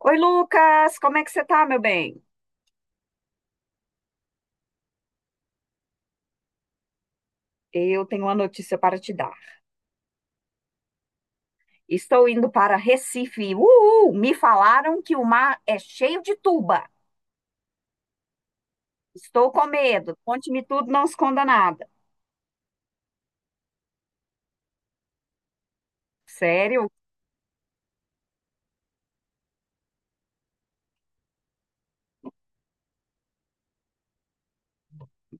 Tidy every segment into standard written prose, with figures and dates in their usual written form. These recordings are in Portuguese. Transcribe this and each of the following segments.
Oi, Lucas, como é que você tá, meu bem? Eu tenho uma notícia para te dar. Estou indo para Recife. Uhul! Me falaram que o mar é cheio de tuba. Estou com medo. Conte-me tudo, não esconda nada. Sério?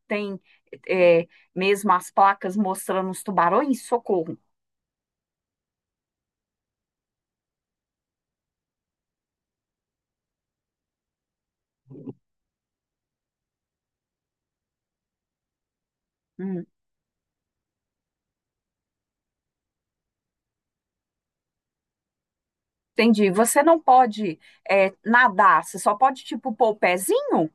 Tem é, mesmo as placas mostrando os tubarões? Socorro. Hum, entendi. Você não pode nadar, você só pode, tipo, pôr o pezinho?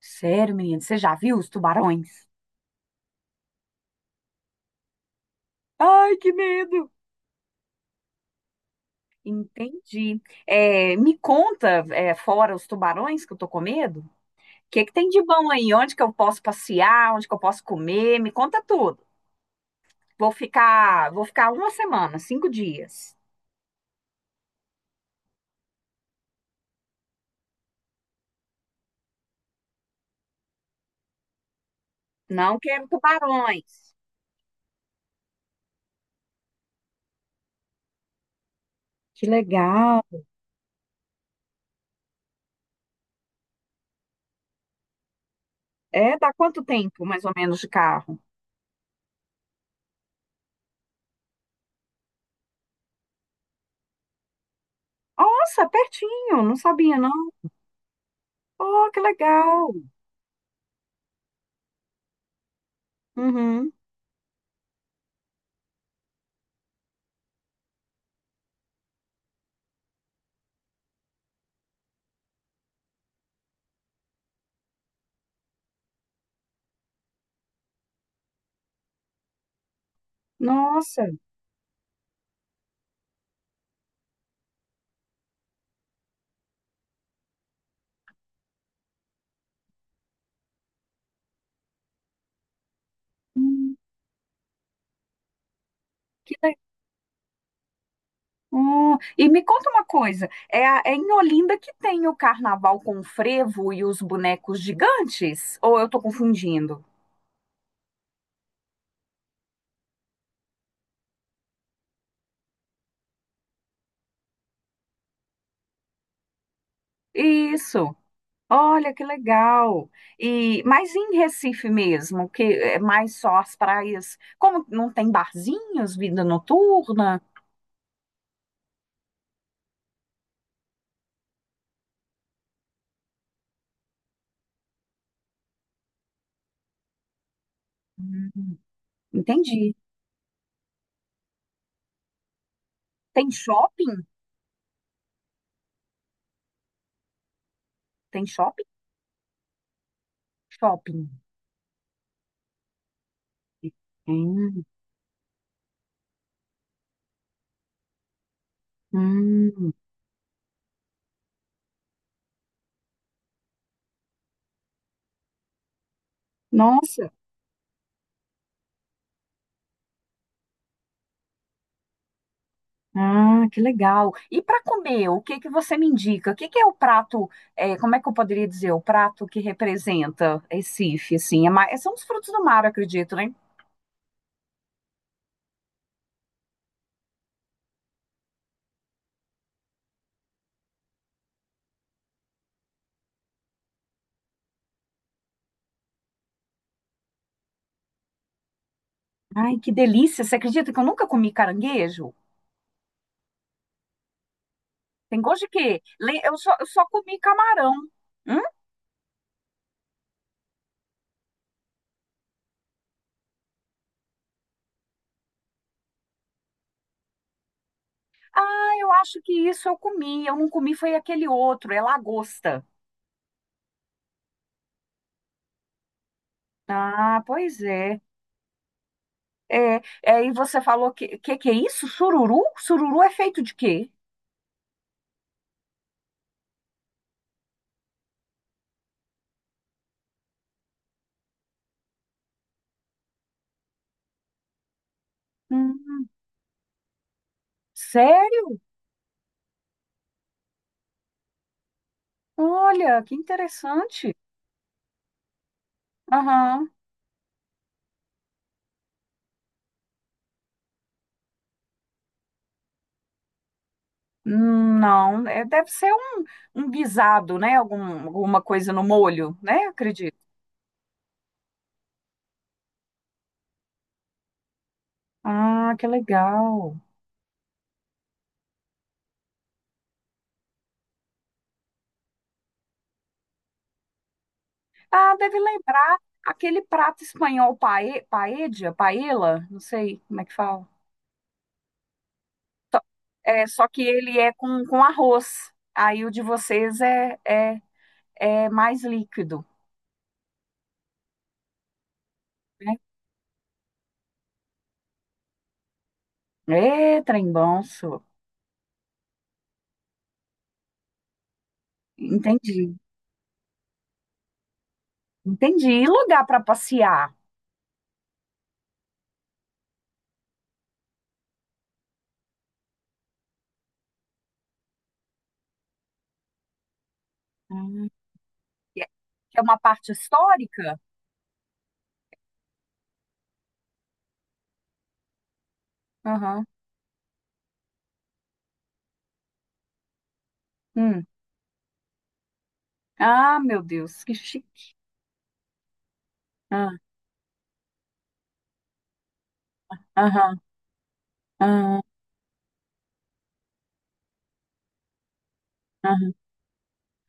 Sério, menino, você já viu os tubarões? Ai, que medo! Entendi. É, me conta, fora os tubarões que eu tô com medo, o que que tem de bom aí? Onde que eu posso passear? Onde que eu posso comer? Me conta tudo. Vou ficar uma semana, cinco dias. Não quero tubarões. Que legal. É, dá quanto tempo, mais ou menos, de carro? Nossa, pertinho. Não sabia, não. Oh, que legal. Uhum. Nossa. Hum, que legal. E me conta uma coisa, é em Olinda que tem o carnaval com o frevo e os bonecos gigantes? Ou eu estou confundindo? Isso. Olha que legal. E mas em Recife mesmo, que é mais só as praias, como não tem barzinhos, vida noturna? Hum, entendi. Tem shopping? Tem shopping? Shopping. Hum, hum. Nossa. Ah, que legal. E para comer, o que que você me indica? O que que é o prato, como é que eu poderia dizer, o prato que representa Recife, assim? É mais, são os frutos do mar, eu acredito, né? Ai, que delícia. Você acredita que eu nunca comi caranguejo? Tem gosto de quê? Eu só comi camarão. Hum? Ah, eu acho que isso eu comi. Eu não comi foi aquele outro, é lagosta. Ah, pois é. E você falou que é isso? Sururu? Sururu é feito de quê? Hum, sério? Olha, que interessante. Aham. Não, é, deve ser um guisado, né? Algum, alguma coisa no molho, né? Eu acredito. Ah, que legal. Ah, deve lembrar aquele prato espanhol paella, paella, não sei como é que fala. É, só que ele é com arroz. Aí o de vocês é mais líquido, né? É, trem bom, só. Entendi. Entendi. E lugar para passear? Ah. Que é, que é uma parte histórica. Aham. Hum. Ah, meu Deus, que chique. Ah, aham, ah, aham.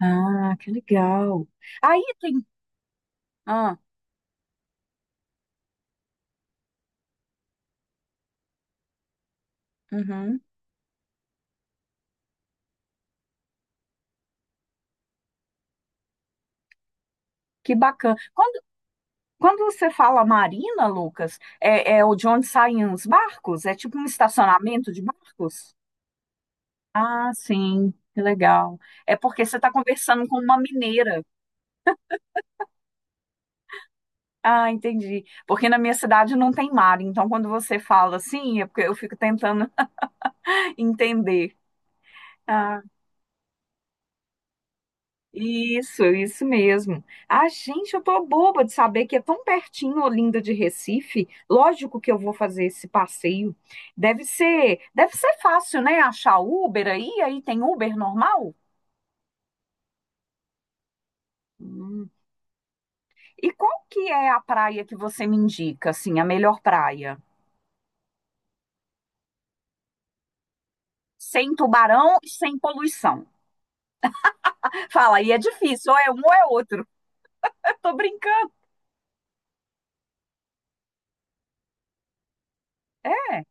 Ah, que legal. Aí tem. Ah, uhum, que bacana. Quando você fala marina, Lucas, é o de onde saem os barcos? É tipo um estacionamento de barcos? Ah, sim, que legal. É porque você está conversando com uma mineira. Ah, entendi. Porque na minha cidade não tem mar, então quando você fala assim, é porque eu fico tentando entender. Ah, isso mesmo. Ah, gente, eu tô boba de saber que é tão pertinho Olinda de Recife. Lógico que eu vou fazer esse passeio. Deve ser fácil, né? Achar Uber aí, aí tem Uber normal? Hum. E qual que é a praia que você me indica, assim, a melhor praia? Sem tubarão e sem poluição. Fala, aí é difícil, ou é um ou é outro. Eu tô brincando. É,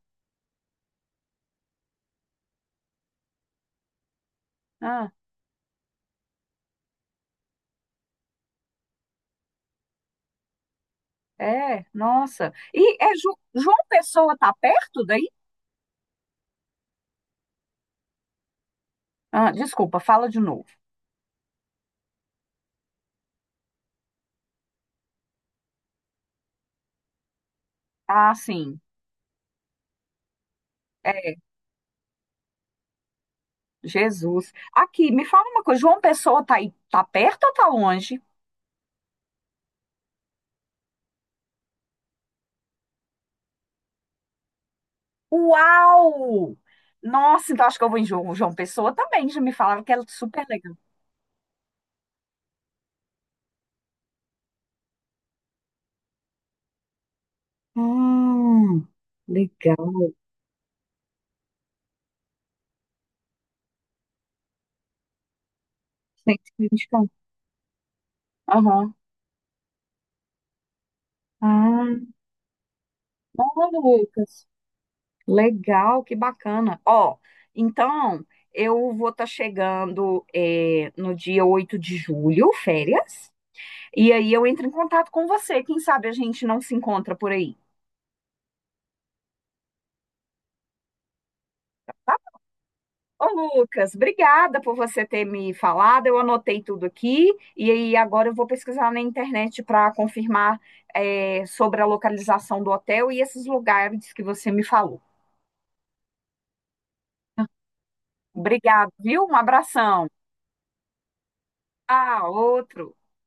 ah, nossa. E é João Pessoa tá perto daí? Ah, desculpa, fala de novo. Ah, sim. É, Jesus. Aqui, me fala uma coisa. João Pessoa tá aí, tá perto ou tá longe? Uau! Nossa, então acho que eu vou em João Pessoa também. Já me falava que é super legal. Hum, legal. 120. Aham. Ah, olha, Lucas. Legal, que bacana. Ó, então, eu vou estar chegando no dia 8 de julho, férias. E aí eu entro em contato com você. Quem sabe a gente não se encontra por aí. Ô, Lucas, obrigada por você ter me falado. Eu anotei tudo aqui e aí agora eu vou pesquisar na internet para confirmar sobre a localização do hotel e esses lugares que você me falou. Obrigada, viu? Um abração. Ah, outro.